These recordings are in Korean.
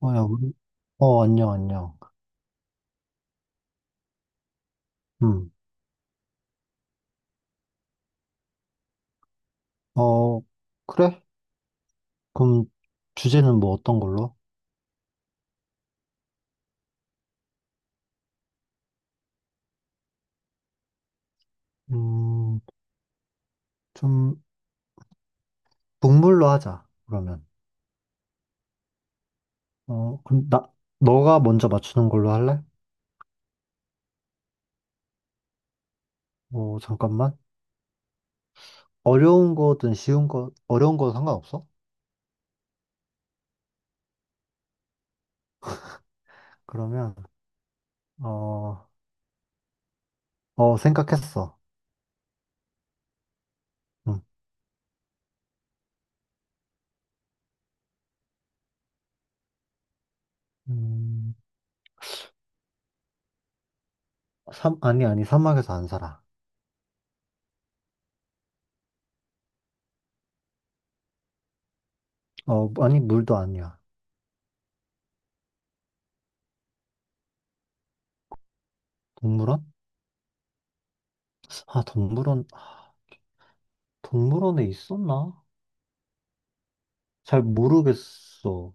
어, 야, 우리, 안녕, 안녕. 음, 어, 그래? 그럼 주제는 뭐 어떤 걸로? 음, 좀, 동물로 하자, 그러면. 어, 그럼 나, 너가 먼저 맞추는 걸로 할래? 어, 잠깐만. 어려운 거든 쉬운 거, 어려운 거 상관없어? 그러면, 어, 생각했어. 음, 음, 삼, 아니, 아니, 사막에서 안 살아. 어, 아니, 물도 아니야. 동물원? 아, 동물원, 동물원에 있었나? 잘 모르겠어.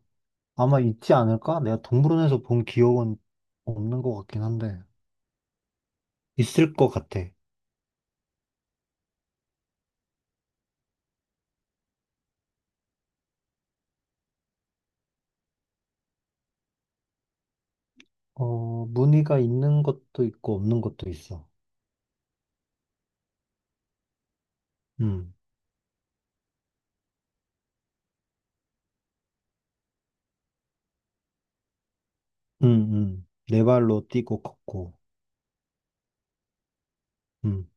아마 있지 않을까? 내가 동물원에서 본 기억은 없는 것 같긴 한데, 있을 것 같아. 어, 무늬가 있는 것도 있고, 없는 것도 있어. 음, 음, 네 발로 뛰고 걷고, 음,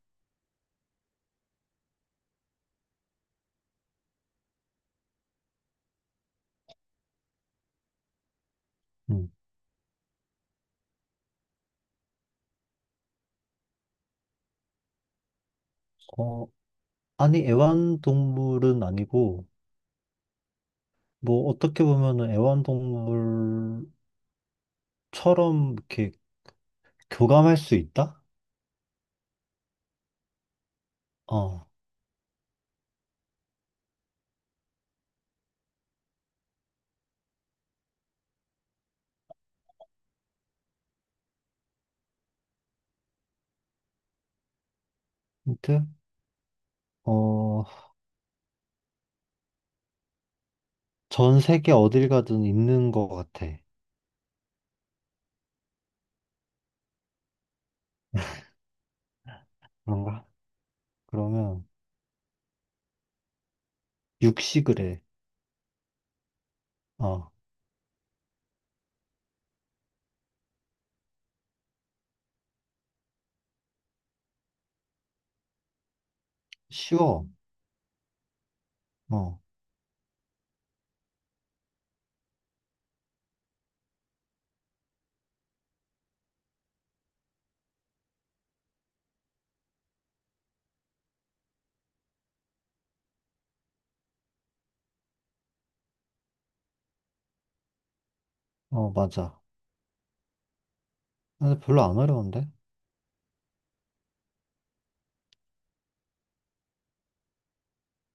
음. 어, 아니, 애완동물은 아니고, 뭐, 어떻게 보면은 애완동물처럼 이렇게 교감할 수 있다? 어, 힌트? 어, 전 세계 어딜 가든 있는 것 같아. 그런가? 그러면 육식을 해. 어, 쉬워. 어, 어, 맞아. 근데 별로 안 어려운데?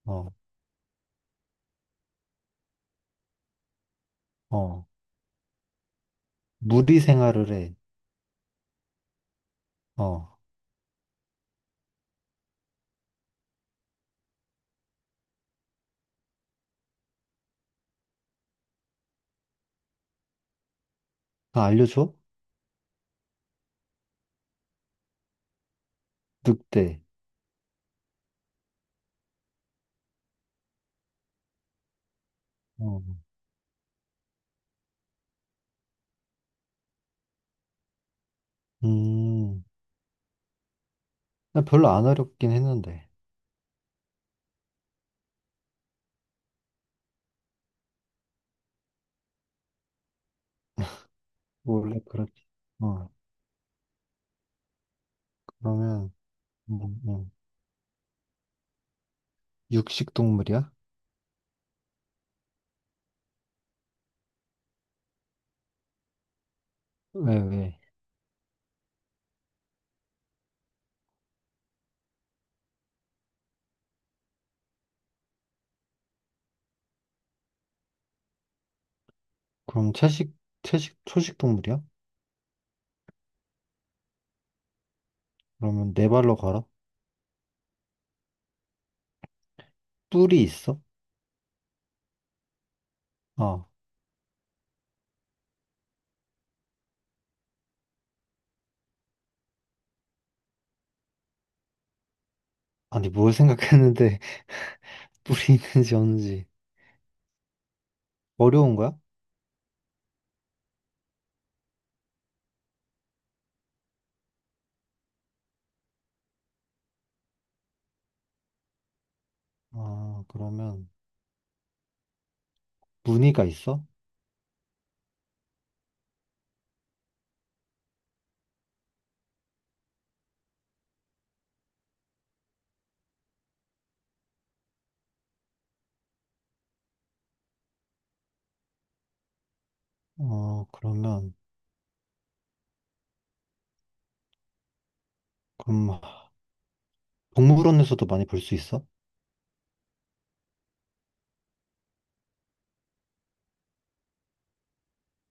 어, 어. 무리 생활을 해. 어, 나 알려줘? 늑대. 어, 음, 나 별로 안 어렵긴 했는데. 원래 그렇지. 어, 그러면, 음, 음. 육식 동물이야? 왜, 왜? 그럼 채식, 초식 동물이야? 그러면 네 발로 걸어? 뿔이 있어? 어, 아니, 뭘 생각했는데 뿔이 있는지 없는지. 어려운 거야? 아, 그러면 무늬가 있어? 어, 그러면 그럼 동물원에서도 많이 볼 수 있어?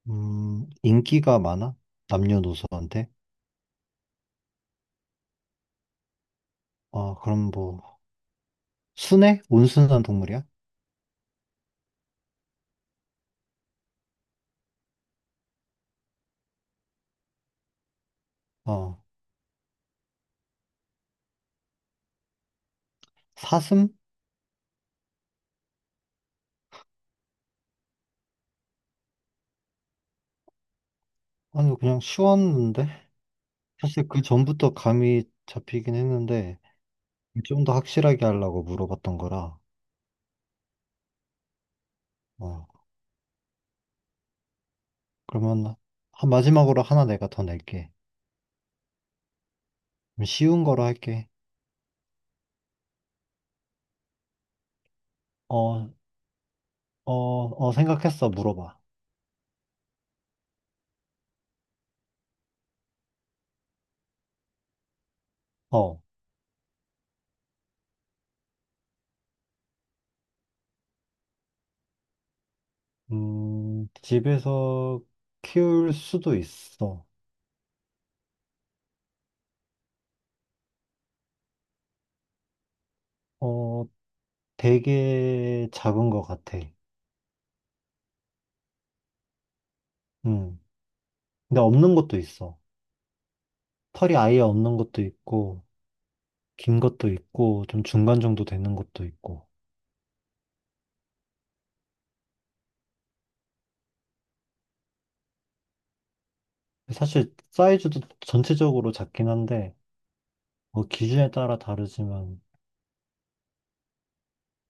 인기가 많아? 남녀노소한테? 어, 그럼 뭐 순해? 온순한 동물이야? 어, 사슴? 아니 그냥 쉬웠는데 사실 그 전부터 감이 잡히긴 했는데 좀 더 확실하게 하려고 물어봤던 거라. 어, 그러면 마지막으로 하나 내가 더 낼게. 그럼 쉬운 거로 할게. 어, 생각했어. 물어봐. 어. 집에서 키울 수도 있어. 어, 되게 작은 것 같아. 음, 근데 없는 것도 있어. 털이 아예 없는 것도 있고, 긴 것도 있고, 좀 중간 정도 되는 것도 있고. 사실 사이즈도 전체적으로 작긴 한데, 뭐 기준에 따라 다르지만,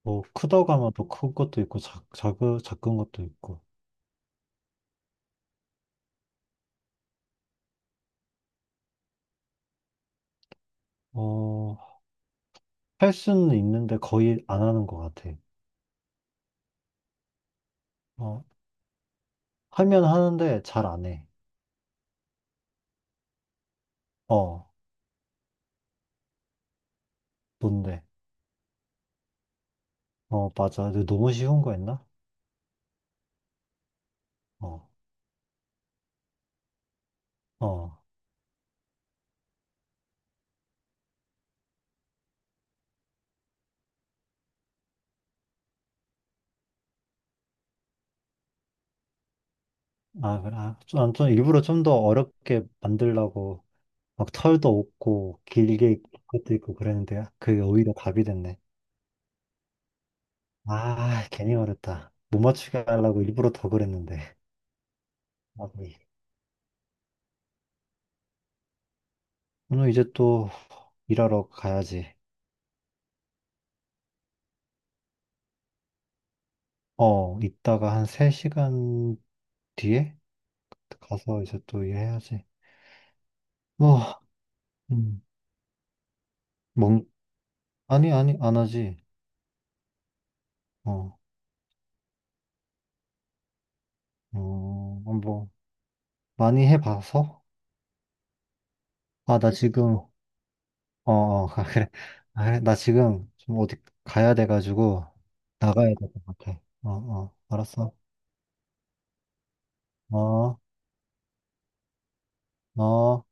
뭐 크다고 하면 또 큰 것도 있고, 작은 것도 있고. 어, 할 수는 있는데 거의 안 하는 것 같아. 어, 하면 하는데 잘 안 해. 어. 뭔데? 어, 맞아. 근데 너무 쉬운 거였나? 어, 어. 아, 그래. 아, 좀, 난좀 일부러 좀 더 어렵게 만들려고 막 털도 없고 길게 입고 것도 있고 그랬는데 그게 오히려 답이 됐네. 아, 괜히 어렵다. 못 맞추게 하려고 일부러 더 그랬는데. 아, 네. 오늘 이제 또 일하러 가야지. 어, 이따가 한 3시간 뒤에 가서 이제 또 일해야지. 뭐, 음, 뭔, 아니, 아니, 안 하지. 어, 어, 뭐. 많이 해봐서? 아, 나 응. 지금, 어, 어, 아, 그래. 아, 그래. 나 지금 좀 어디 가야 돼가지고 나가야 될 것 같아. 어, 어, 알았어. 어, 어.